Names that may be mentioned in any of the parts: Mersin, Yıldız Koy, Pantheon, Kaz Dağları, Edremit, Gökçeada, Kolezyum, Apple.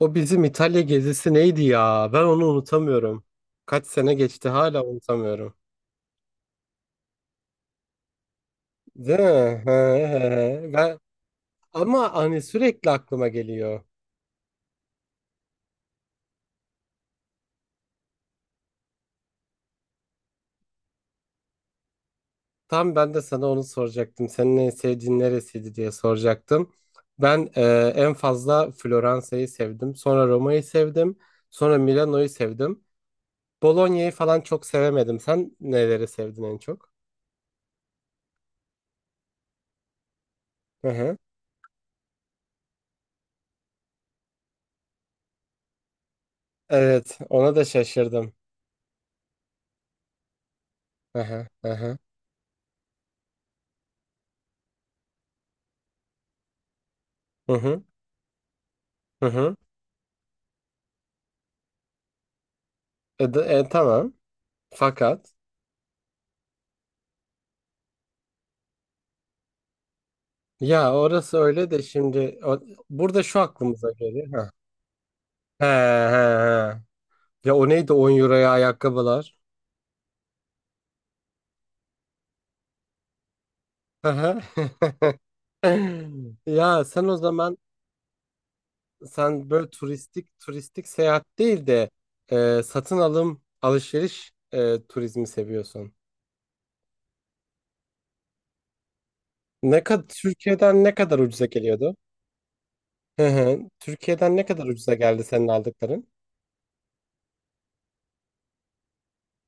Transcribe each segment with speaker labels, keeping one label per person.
Speaker 1: O bizim İtalya gezisi neydi ya? Ben onu unutamıyorum. Kaç sene geçti hala unutamıyorum. Değil mi? He, he, he. Ama hani sürekli aklıma geliyor. Tam ben de sana onu soracaktım. Senin en sevdiğin neresiydi diye soracaktım. Ben en fazla Floransa'yı sevdim. Sonra Roma'yı sevdim. Sonra Milano'yu sevdim. Bologna'yı falan çok sevemedim. Sen neleri sevdin en çok? Hı hı. Evet, ona da şaşırdım. Hı hı, hı hı, hı hı, hı hı. Tamam. Fakat ya orası öyle de şimdi burada şu aklımıza geliyor. Ha. He, he, he. Ya o neydi 10 euroya ayakkabılar? Hı hı. Ya sen o zaman sen böyle turistik turistik seyahat değil de satın alım alışveriş turizmi seviyorsun. Ne kadar Türkiye'den ne kadar ucuza geliyordu? Hı hı. Türkiye'den ne kadar ucuza geldi senin aldıkların?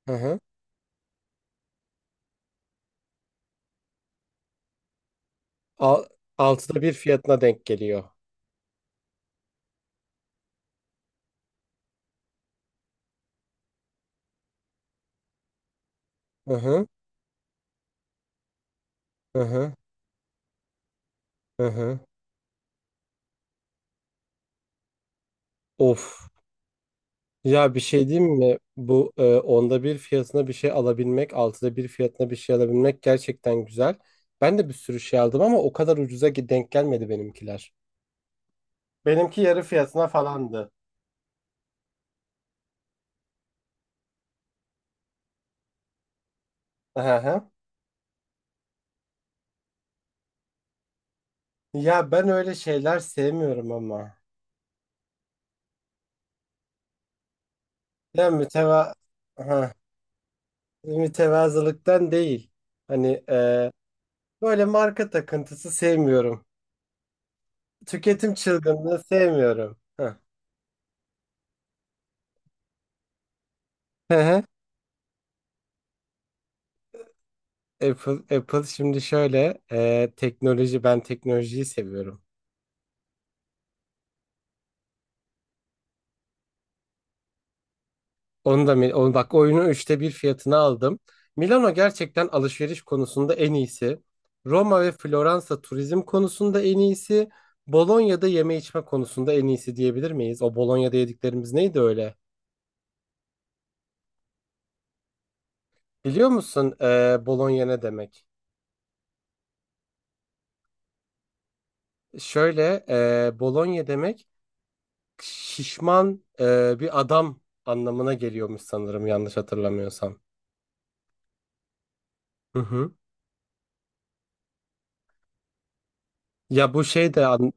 Speaker 1: Hı hı. Al, altıda bir fiyatına denk geliyor. Hı hı, hı hı, hı hı. Of. Ya bir şey diyeyim mi? Bu onda bir fiyatına bir şey alabilmek, altıda bir fiyatına bir şey alabilmek gerçekten güzel. Ben de bir sürü şey aldım ama o kadar ucuza ki denk gelmedi benimkiler. Benimki yarı fiyatına falandı. Hı hı. Ya ben öyle şeyler sevmiyorum ama. Ya müteva Hı. Mütevazılıktan değil. Hani böyle marka takıntısı sevmiyorum. Tüketim çılgınlığı sevmiyorum. Hı. Apple şimdi şöyle teknoloji, ben teknolojiyi seviyorum. Onu bak, oyunu üçte bir fiyatına aldım. Milano gerçekten alışveriş konusunda en iyisi. Roma ve Floransa turizm konusunda en iyisi. Bolonya'da yeme içme konusunda en iyisi diyebilir miyiz? O Bolonya'da yediklerimiz neydi öyle? Biliyor musun Bolonya ne demek? Şöyle Bolonya demek şişman bir adam anlamına geliyormuş sanırım, yanlış hatırlamıyorsam. Hı hı. Ya bu şey de an-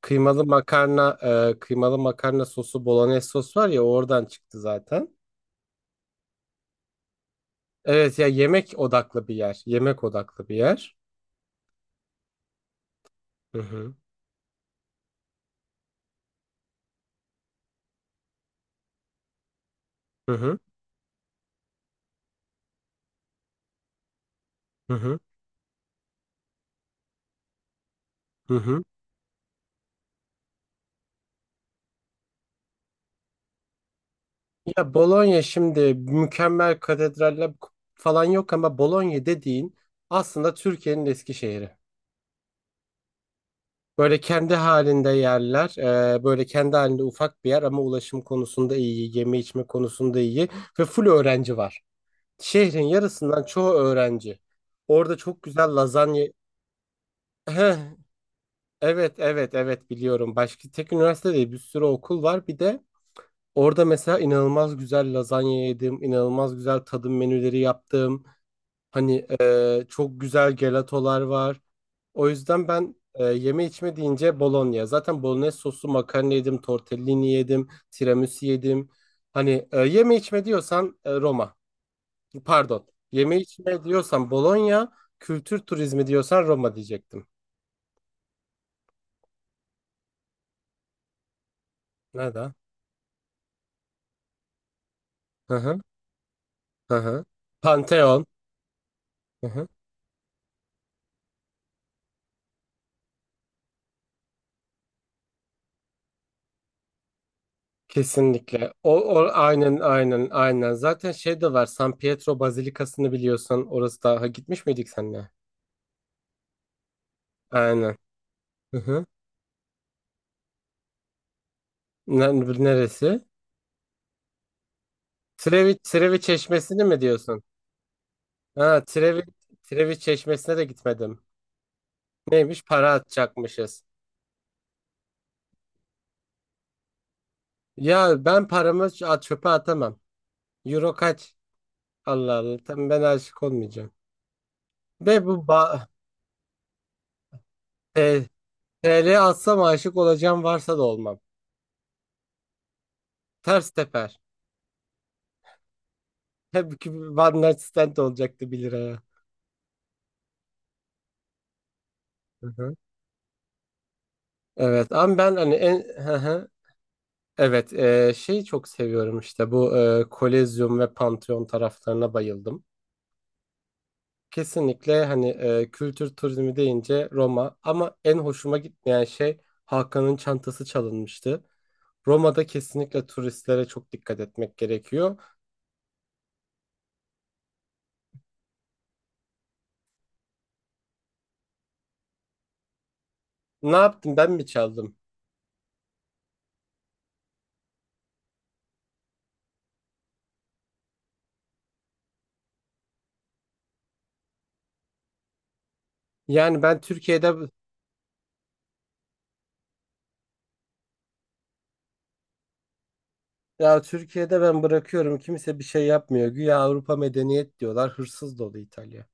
Speaker 1: kıymalı makarna, kıymalı makarna sosu, bolognese sos var ya, oradan çıktı zaten. Evet ya, yemek odaklı bir yer. Yemek odaklı bir yer. Hı hı. Hı hı. Hı hı. Hı hı. Ya Bologna şimdi mükemmel katedraller falan yok ama Bologna dediğin aslında Türkiye'nin Eskişehir'i. Böyle kendi halinde yerler, böyle kendi halinde ufak bir yer ama ulaşım konusunda iyi, yeme içme konusunda iyi ve full öğrenci var. Şehrin yarısından çoğu öğrenci. Orada çok güzel lazanya. Heh, evet evet evet biliyorum. Başka tek üniversite değil, bir sürü okul var. Bir de orada mesela inanılmaz güzel lazanya yedim. İnanılmaz güzel tadım menüleri yaptım. Hani çok güzel gelatolar var. O yüzden ben, yeme içme deyince Bologna. Zaten bolognese soslu makarna yedim. Tortellini yedim. Tiramisu yedim. Hani yeme içme diyorsan Roma. Pardon. Yeme içme diyorsan Bologna, kültür turizmi diyorsan Roma diyecektim. Nerede? Hı hı. Hı hı. Pantheon. Hı hı. Kesinlikle. O aynen aynen aynen. Zaten şey de var. San Pietro Bazilikası'nı biliyorsan, orası da, ha, gitmiş miydik seninle? Aynen. Hı hı. Ne- Neresi? Trevi Çeşmesi'ni mi diyorsun? Ha, Trevi Çeşmesi'ne de gitmedim. Neymiş? Para atacakmışız. Ya, ben paramı çöpe atamam. Euro kaç? Allah Allah. Tam ben aşık olmayacağım. Ve bu ba e, TL atsam, aşık olacağım varsa da olmam. Ters teper. Hep ki one night stand olacaktı 1 liraya. Hı-hı. Evet ama ben hani en, hı hı. Evet, şeyi çok seviyorum işte, bu Kolezyum ve Pantheon taraflarına bayıldım. Kesinlikle hani, kültür turizmi deyince Roma ama en hoşuma gitmeyen şey, Hakan'ın çantası çalınmıştı. Roma'da kesinlikle turistlere çok dikkat etmek gerekiyor. Ne yaptım, ben mi çaldım? Yani ben Türkiye'de ya Türkiye'de ben bırakıyorum, kimse bir şey yapmıyor. Güya Avrupa medeniyet diyorlar. Hırsız dolu İtalya.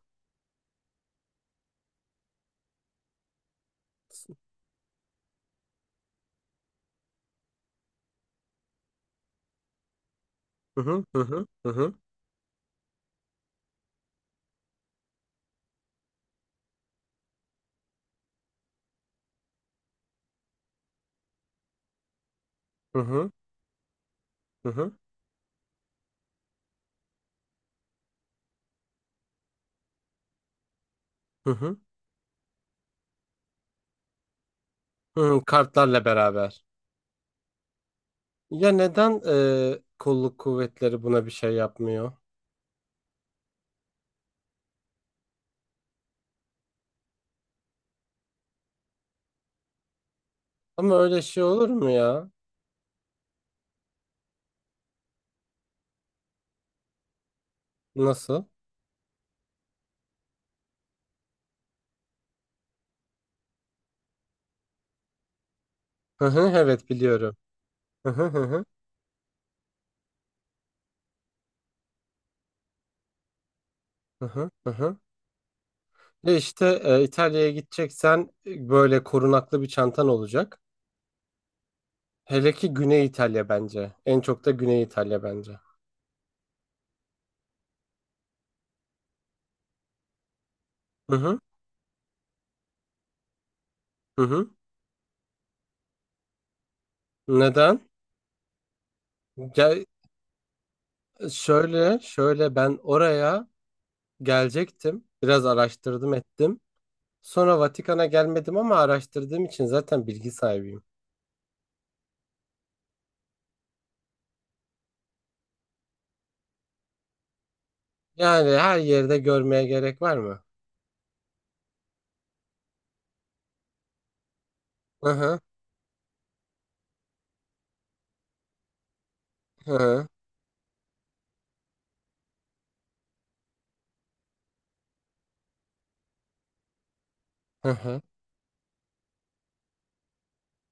Speaker 1: Hı hı, hı hı, hı hı, hı hı, hı hı, hı hı, hı, kartlarla beraber. Ya neden kolluk kuvvetleri buna bir şey yapmıyor? Ama öyle şey olur mu ya? Nasıl? Hı hı, evet biliyorum. Hı hı, hı hı, hı hı. Hı hı. İşte, İtalya'ya gideceksen böyle korunaklı bir çantan olacak. Hele ki Güney İtalya bence. En çok da Güney İtalya bence. Hı hı. Hı hı. Neden? Gel şöyle şöyle, ben oraya gelecektim. Biraz araştırdım ettim. Sonra Vatikan'a gelmedim ama araştırdığım için zaten bilgi sahibiyim. Yani her yerde görmeye gerek var mı? Hı hı. Hı hı. Hı hı.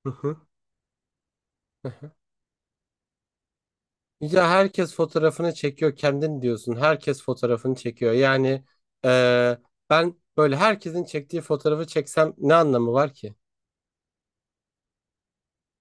Speaker 1: Hı hı. Hı hı. Ya herkes fotoğrafını çekiyor, kendin diyorsun. Herkes fotoğrafını çekiyor. Yani eee, ben böyle herkesin çektiği fotoğrafı çeksem ne anlamı var ki?